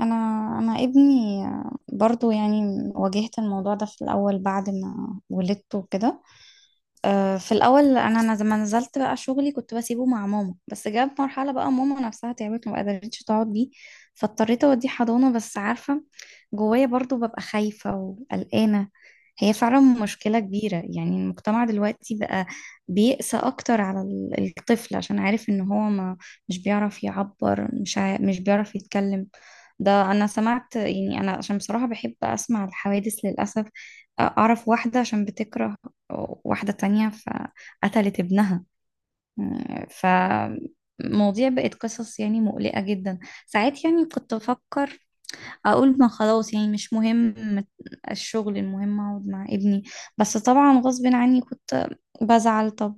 انا انا ابني برضو يعني واجهت الموضوع ده في الاول بعد ما ولدته كده. في الأول أنا لما نزلت بقى شغلي كنت بسيبه مع ماما، بس جت مرحلة بقى ماما نفسها تعبت، ما قدرتش تقعد بيه. فاضطريت أوديه حضانة، بس عارفة جوايا برضو ببقى خايفة وقلقانة. هي فعلا مشكلة كبيرة، يعني المجتمع دلوقتي بقى بيقسى أكتر على الطفل عشان عارف إن هو ما مش بيعرف يعبر، مش بيعرف يتكلم. ده أنا سمعت، يعني أنا عشان بصراحة بحب أسمع الحوادث للأسف، أعرف واحدة عشان بتكره واحدة تانية فقتلت ابنها. فمواضيع بقت قصص يعني مقلقة جدا. ساعات يعني كنت أفكر أقول ما خلاص يعني مش مهم الشغل، المهم أقعد مع ابني. بس طبعا غصب عني كنت بزعل، طب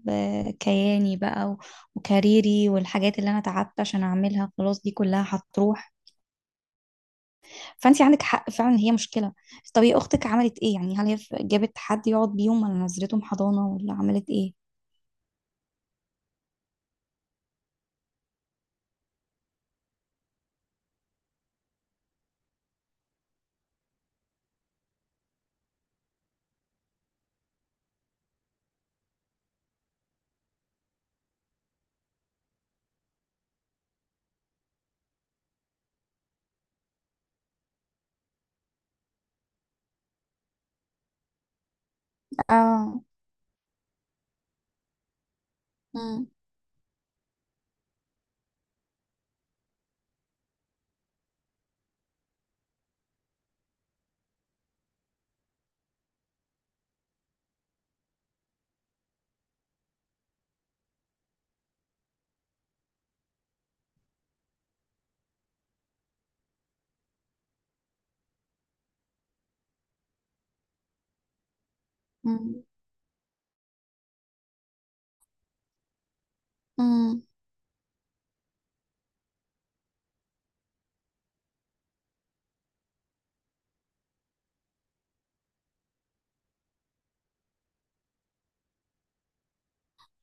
كياني بقى وكاريري والحاجات اللي أنا تعبت عشان أعملها خلاص دي كلها هتروح. فأنت عندك حق فعلا، هي مشكلة. طب هي أختك عملت إيه؟ يعني هل هي جابت حد يقعد بيهم، ولا نزلتهم حضانة، ولا عملت إيه؟ اه. مم. مم. مم.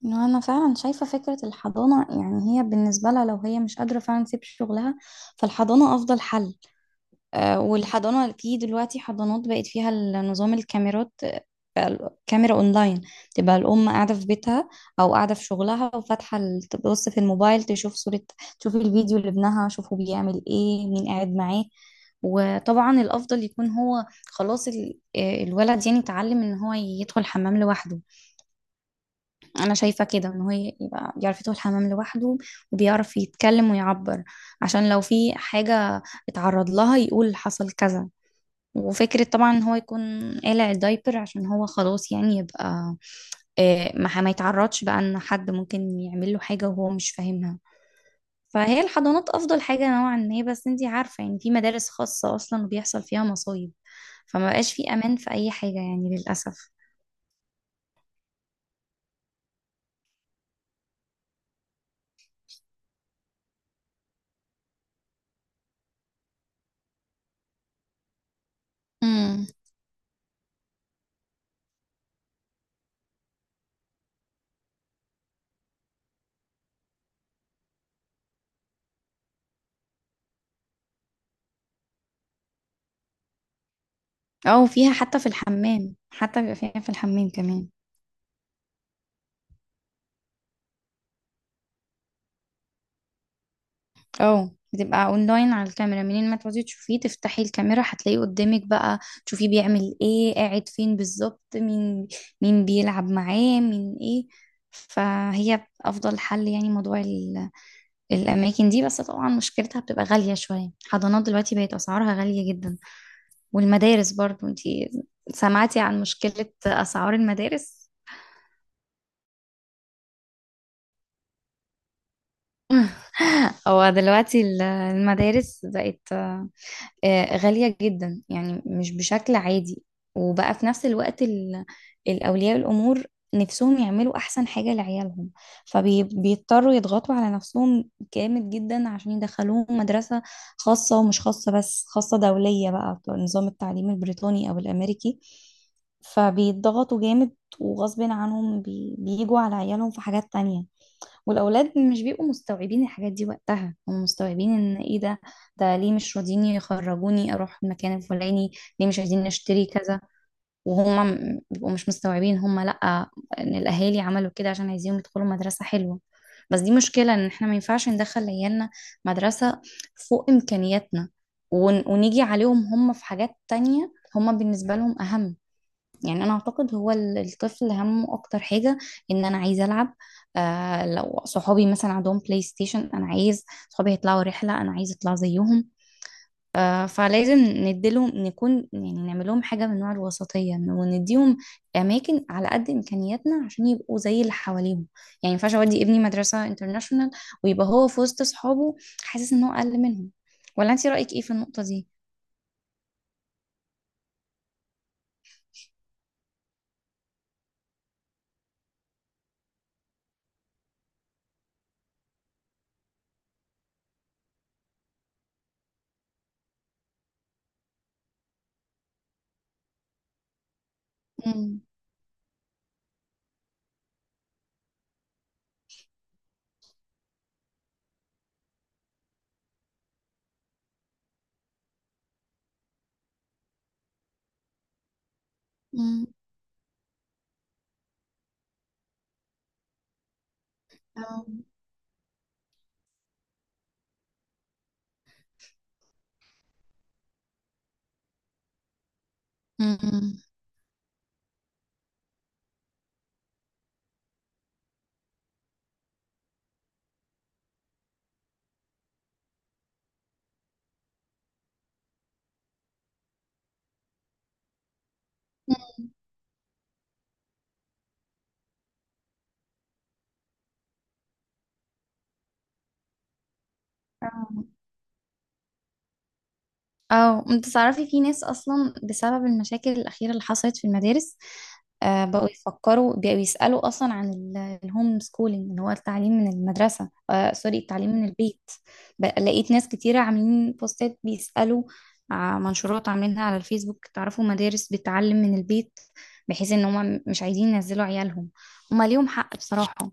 إنه أنا فعلا شايفة فكرة الحضانة، يعني هي بالنسبة لها لو هي مش قادرة فعلا تسيب شغلها فالحضانة أفضل حل. والحضانة في دلوقتي حضانات بقت فيها نظام الكاميرات. بقى كاميرا أونلاين، تبقى الأم قاعدة في بيتها أو قاعدة في شغلها، وفاتحة تبص في الموبايل تشوف صورة، تشوف الفيديو لابنها، شوفه بيعمل إيه، مين قاعد معاه. وطبعا الأفضل يكون هو خلاص الولد يعني اتعلم إن هو يدخل حمام لوحده. انا شايفه كده ان هو يبقى بيعرف يدخل الحمام لوحده وبيعرف يتكلم ويعبر، عشان لو في حاجه اتعرض لها يقول حصل كذا. وفكرة طبعا ان هو يكون قالع الدايبر عشان هو خلاص يعني يبقى، ما يتعرضش بقى ان حد ممكن يعمل له حاجة وهو مش فاهمها. فهي الحضانات افضل حاجة نوعا ما، بس انتي عارفة يعني في مدارس خاصة اصلا وبيحصل فيها مصايب، فما بقاش في امان في اي حاجة يعني للأسف. امم. او فيها حتى في الحمام، حتى بيبقى فيها في الحمام كمان. اه بتبقى اونلاين على الكاميرا، منين ما تقعدي تشوفيه تفتحي الكاميرا هتلاقيه قدامك بقى، تشوفيه بيعمل ايه، قاعد فين بالظبط، مين بيلعب معاه، مين ايه. فهي افضل حل يعني، موضوع الاماكن دي، بس طبعا مشكلتها بتبقى غالية شوية، حضانات دلوقتي بقت اسعارها غالية جدا. والمدارس برضو انتي سمعتي عن مشكلة اسعار المدارس؟ هو دلوقتي المدارس بقت غالية جدا يعني مش بشكل عادي. وبقى في نفس الوقت الأولياء الأمور نفسهم يعملوا أحسن حاجة لعيالهم، فبيضطروا يضغطوا على نفسهم جامد جدا عشان يدخلوهم مدرسة خاصة، ومش خاصة بس، خاصة دولية بقى، نظام التعليم البريطاني أو الأمريكي. فبيضغطوا جامد، وغصب عنهم بيجوا على عيالهم في حاجات تانية. والاولاد مش بيبقوا مستوعبين الحاجات دي، وقتها هم مستوعبين ان ايه ده، ده ليه مش راضيين يخرجوني اروح المكان الفلاني، ليه مش عايزين نشتري كذا. وهم بيبقوا مش مستوعبين هم لا، ان الاهالي عملوا كده عشان عايزينهم يدخلوا مدرسة حلوة. بس دي مشكلة، ان احنا ما ينفعش ندخل عيالنا مدرسة فوق امكانياتنا، ونيجي عليهم هم في حاجات تانية هم بالنسبة لهم اهم. يعني انا اعتقد هو الطفل همه اكتر حاجه ان انا عايز العب. آه لو صحابي مثلا عندهم بلاي ستيشن انا عايز، صحابي يطلعوا رحله انا عايز اطلع زيهم. آه فلازم نديلهم، نكون يعني نعمل لهم حاجه من نوع الوسطيه، ونديهم اماكن على قد امكانياتنا عشان يبقوا زي اللي حواليهم يعني. ما ينفعش اودي ابني مدرسه انترناشونال ويبقى هو في وسط صحابه حاسس ان هو اقل منهم. ولا انت رايك ايه في النقطه دي؟ امم. امم. اه انت تعرفي في ناس اصلا بسبب المشاكل الاخيره اللي حصلت في المدارس، آه بقوا يفكروا، بقوا يسالوا اصلا عن الهوم سكولينج، اللي هو التعليم من المدرسه، آه سوري، التعليم من البيت. بقى لقيت ناس كتيره عاملين بوستات بيسالوا، منشورات عاملينها على الفيسبوك، تعرفوا مدارس بتعلم من البيت، بحيث ان هم مش عايزين ينزلوا عيالهم. هما ليهم حق بصراحه،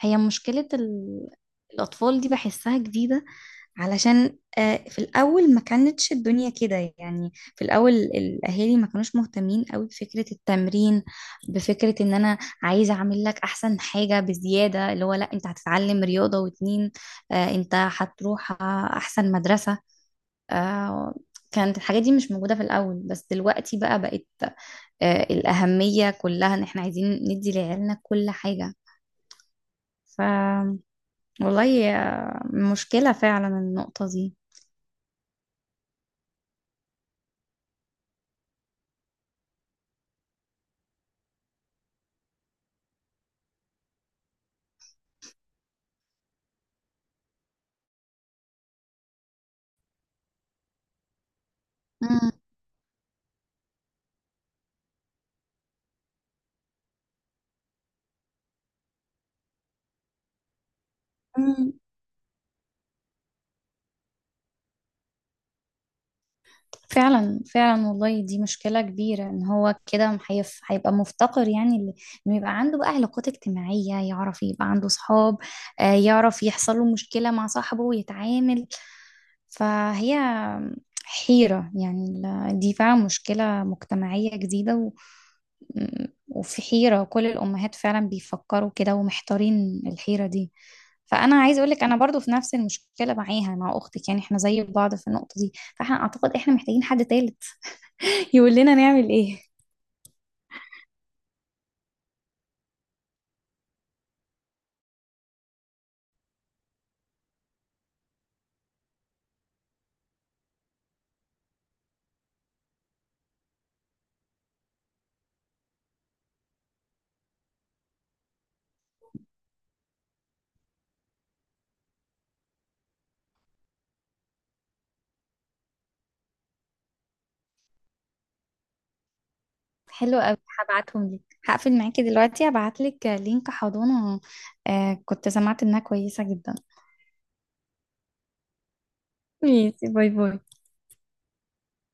هي مشكله الاطفال دي بحسها جديده، علشان في الأول ما كانتش الدنيا كده. يعني في الأول الأهالي ما كانوش مهتمين قوي بفكرة التمرين، بفكرة إن أنا عايزة أعمل لك أحسن حاجة بزيادة، اللي هو لا أنت هتتعلم رياضة، واتنين أنت هتروح أحسن مدرسة. آه، كانت الحاجات دي مش موجودة في الأول، بس دلوقتي بقى بقت الأهمية كلها إن إحنا عايزين ندي لعيالنا كل حاجة. ف والله، مشكلة فعلا النقطة دي. مم. فعلا فعلا والله دي مشكلة كبيرة، ان هو كده هيبقى مفتقر يعني انه يبقى عنده بقى علاقات اجتماعية، يعرف يبقى عنده صحاب، يعرف يحصل له مشكلة مع صاحبه ويتعامل. فهي حيرة يعني دي فعلا مشكلة مجتمعية جديدة وفي حيرة، كل الأمهات فعلا بيفكروا كده ومحتارين الحيرة دي. فأنا عايز أقولك أنا برضو في نفس المشكلة معاها مع أختك، يعني احنا زي بعض في النقطة دي، فاحنا أعتقد احنا محتاجين حد تالت يقول لنا نعمل ايه. حلو قوي، هبعتهم لك. هقفل معاكي دلوقتي، هبعت لك لينك حضانة، آه كنت سمعت انها كويسة جدا. ميسي، باي باي.